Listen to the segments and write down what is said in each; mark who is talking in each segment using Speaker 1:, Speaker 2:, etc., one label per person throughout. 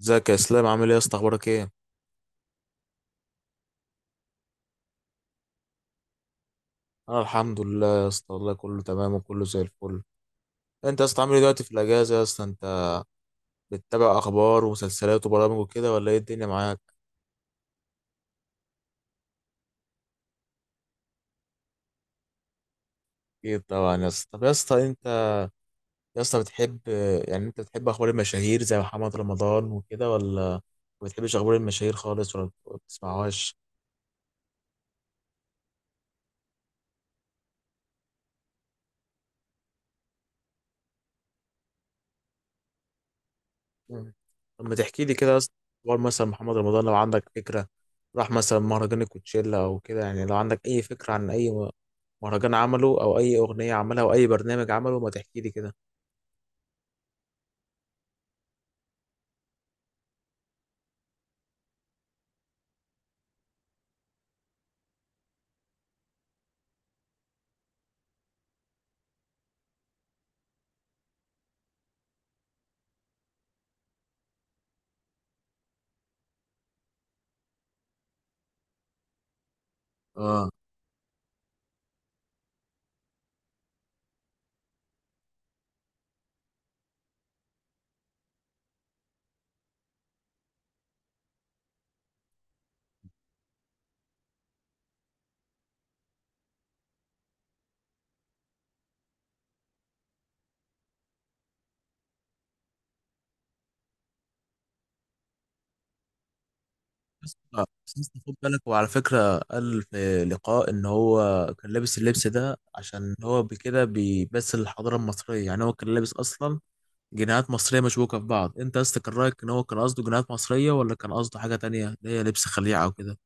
Speaker 1: ازيك يا اسلام؟ عامل ايه يا اسطى؟ اخبارك ايه؟ انا الحمد لله يا اسطى، والله كله تمام وكله زي الفل. انت يا اسطى عامل ايه دلوقتي في الاجازه يا اسطى؟ انت بتتابع اخبار ومسلسلات وبرامج وكده ولا ايه الدنيا معاك؟ اكيد طبعا يا اسطى. طب يا اسطى انت، يا اسطى بتحب يعني انت بتحب اخبار المشاهير زي محمد رمضان وكده، ولا ما بتحبش اخبار المشاهير خالص ولا ما بتسمعهاش؟ مم. طب ما تحكي لي كده يا اسطى اخبار مثلا محمد رمضان، لو عندك فكره راح مثلا مهرجان الكوتشيلا او كده. يعني لو عندك اي فكره عن اي مهرجان عمله او اي اغنيه عملها او اي برنامج عمله، ما تحكي لي كده. اه. بس، بس خد بالك، وعلى فكرة قال في لقاء إن هو كان لابس اللبس ده عشان هو بكده بيمثل الحضارة المصرية. يعني هو كان لابس أصلا جنيهات مصرية مشبوكة في بعض. أنت أصلا كان رأيك إن هو كان قصده جنيهات مصرية، ولا كان قصده حاجة تانية اللي هي لبس خليعة وكده؟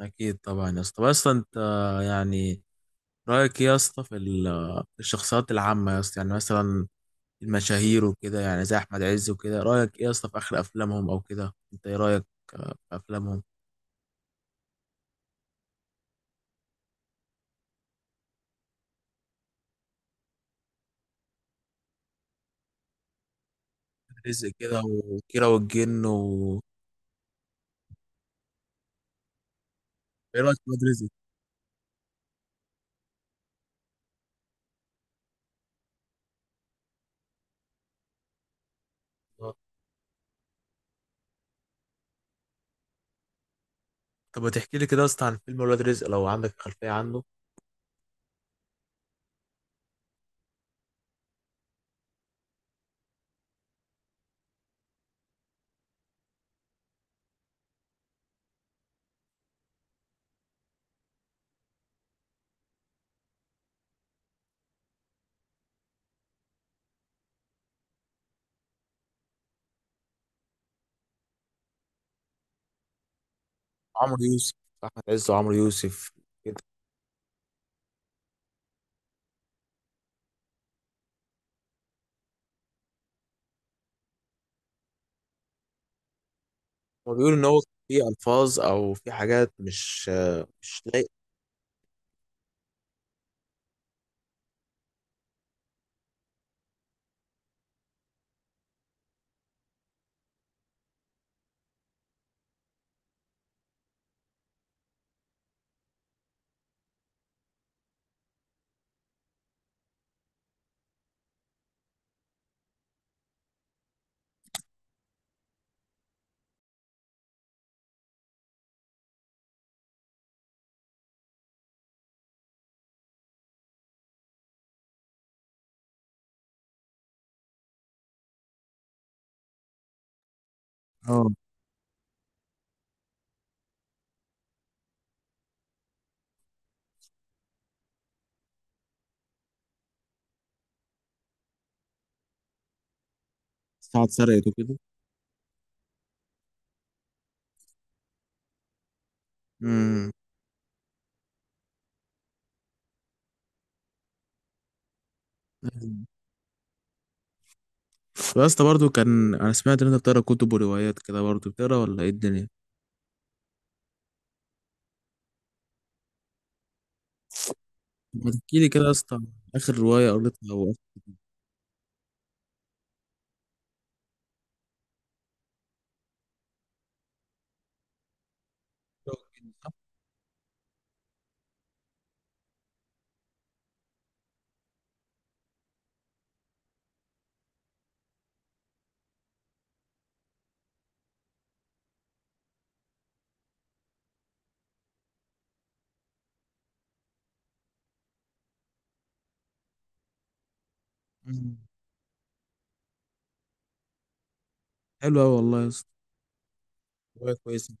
Speaker 1: اكيد طبعا يا اسطى. بس انت يعني رايك ايه يا اسطى في في الشخصيات العامه يا اسطى؟ يعني مثلا المشاهير وكده، يعني زي احمد عز وكده، رايك ايه يا اسطى في اخر افلامهم او كده؟ انت ايه رايك في افلامهم؟ رزق كده، وكيرة والجن و، ايه رايك في ولاد رزق؟ آه. طب ما تحكي لي كده يا اسطى عن فيلم ولاد رزق، لو عندك خلفيه عنه. عمرو يوسف، احمد عز وعمرو يوسف كده. هو بيقول ان هو في الفاظ او في حاجات مش، مش لايقه. اه، ساعة سرقت وكده. امم يا اسطى، برضه كان انا سمعت ان انت بتقرا كتب وروايات كده. برضه بتقرا، ولا ايه الدنيا؟ ما تحكي لي كده يا اسطى عن اخر روايه قريتها، او آخر رواية قريتها؟ مم. حلو قوي والله يا اسطى، روايه كويسه.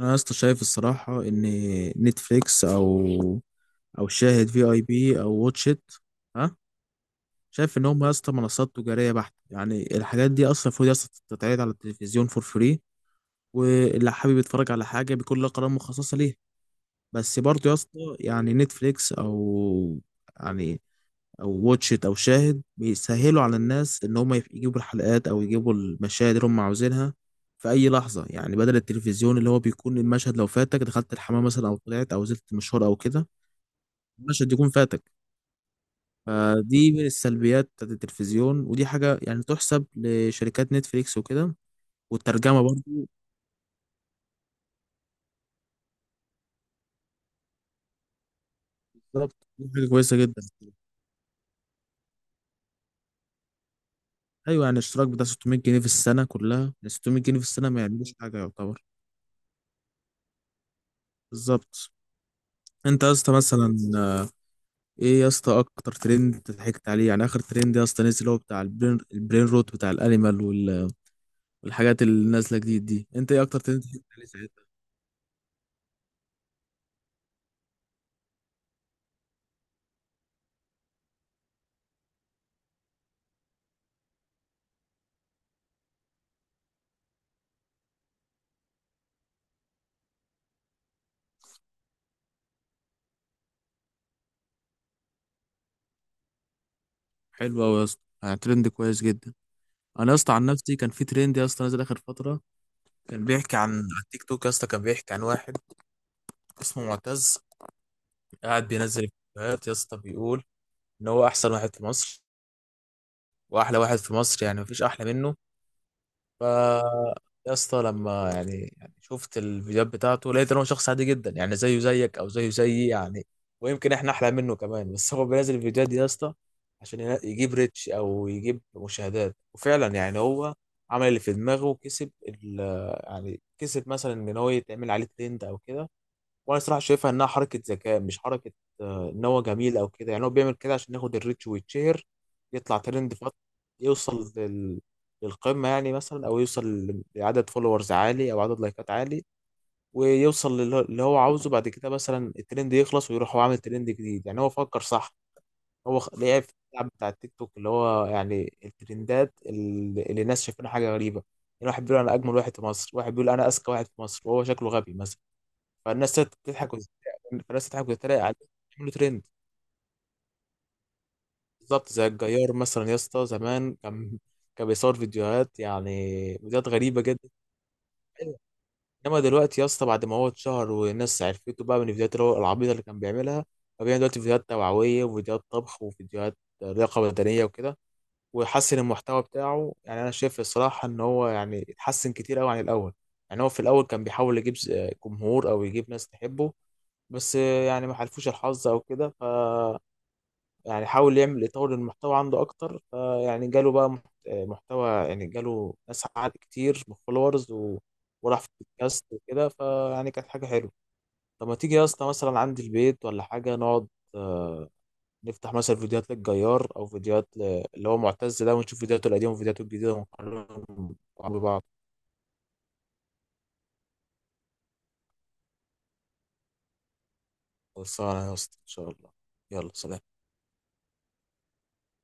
Speaker 1: انا يا اسطى شايف الصراحه ان نتفليكس او، او شاهد في اي بي او واتشيت، ها، شايف ان هم يا اسطى منصات تجاريه بحته. يعني الحاجات دي اصلا المفروض يا اسطى تتعرض على التلفزيون فور فري، واللي حابب يتفرج على حاجه بيكون لها قناه مخصصه ليها. بس برضه يا اسطى يعني نتفليكس او، يعني او واتش ات او شاهد بيسهلوا على الناس ان هم يجيبوا الحلقات او يجيبوا المشاهد اللي هم عاوزينها في اي لحظه. يعني بدل التلفزيون اللي هو بيكون المشهد لو فاتك دخلت الحمام مثلا، او طلعت او نزلت مشوار او كده، المشهد يكون فاتك. فدي من السلبيات بتاعت التلفزيون، ودي حاجه يعني تحسب لشركات نتفليكس وكده. والترجمه برضه بالظبط، دي حاجه كويسه جدا. ايوه، يعني الاشتراك بتاع 600 جنيه في السنه كلها، يعني 600 جنيه في السنه ما يعملوش حاجه يعتبر. بالظبط. انت يا اسطى مثلا، ايه يا اسطى اكتر ترند ضحكت عليه؟ يعني اخر ترند يا اسطى نزل اللي هو بتاع البرين، البرين روت بتاع الانيمال والحاجات اللي نازله جديد دي، انت ايه اكتر ترند ضحكت عليه ساعتها؟ حلو قوي يا اسطى، يعني ترند كويس جدا. انا يا اسطى عن نفسي كان في ترند يا اسطى نازل اخر فتره، كان بيحكي عن، على التيك توك يا اسطى، كان بيحكي عن واحد اسمه معتز، قاعد بينزل فيديوهات يا اسطى، بيقول ان هو احسن واحد في مصر واحلى واحد في مصر، يعني مفيش احلى منه. ف يا اسطى، لما يعني شفت الفيديوهات بتاعته لقيت ان هو شخص عادي جدا، يعني زيه زيك او زيه زيي يعني، ويمكن احنا احلى منه كمان. بس هو بينزل الفيديوهات دي يا اسطى عشان يجيب ريتش او يجيب مشاهدات. وفعلا يعني هو عمل اللي في دماغه وكسب يعني كسب مثلا ان هو يتعمل عليه ترند او كده. وانا صراحه شايفها انها حركه ذكاء، مش حركه ان هو جميل او كده. يعني هو بيعمل كده عشان ياخد الريتش ويتشهر، يطلع ترند فتره، يوصل للقمه يعني مثلا، او يوصل لعدد فولورز عالي او عدد لايكات عالي، ويوصل اللي هو عاوزه. بعد كده مثلا الترند يخلص ويروح هو عامل ترند جديد. يعني هو فكر صح، هو لعب في اللعب بتاع التيك توك، اللي هو يعني الترندات اللي الناس شايفينها حاجه غريبه. يعني واحد بيقول انا اجمل واحد في مصر، واحد بيقول انا اذكى واحد في مصر وهو شكله غبي مثلا، فالناس تضحك وتتريق عليه، يعملوا ترند. بالظبط زي الجيار مثلا يا اسطى زمان، كان كان بيصور فيديوهات، يعني فيديوهات غريبة جدا. أيوة. انما دلوقتي يا اسطى بعد ما هو اتشهر والناس عرفته بقى من الفيديوهات اللي هو العبيطة اللي كان بيعملها، فبيعمل دلوقتي فيديوهات توعوية وفيديوهات طبخ وفيديوهات لياقة بدنية وكده، ويحسن المحتوى بتاعه. يعني انا شايف الصراحة ان هو يعني اتحسن كتير قوي عن الاول. يعني هو في الاول كان بيحاول يجيب جمهور او يجيب ناس تحبه، بس يعني ما حلفوش الحظ او كده. ف يعني حاول يعمل، يطور المحتوى عنده اكتر، فيعني جاله بقى محتوى، يعني جاله ناس عدد كتير من فولورز و... وراح في البودكاست وكده. فيعني كانت حاجه حلوه. طب ما تيجي يا اسطى مثلا عندي البيت ولا حاجه نقعد، آه، نفتح مثلا فيديوهات للجيار او فيديوهات ل... اللي هو معتز ده، ونشوف فيديوهاته القديمه وفيديوهاته الجديده ونقارنهم مع بعض. خلصانه يا اسطى ان شاء الله. يلا سلام.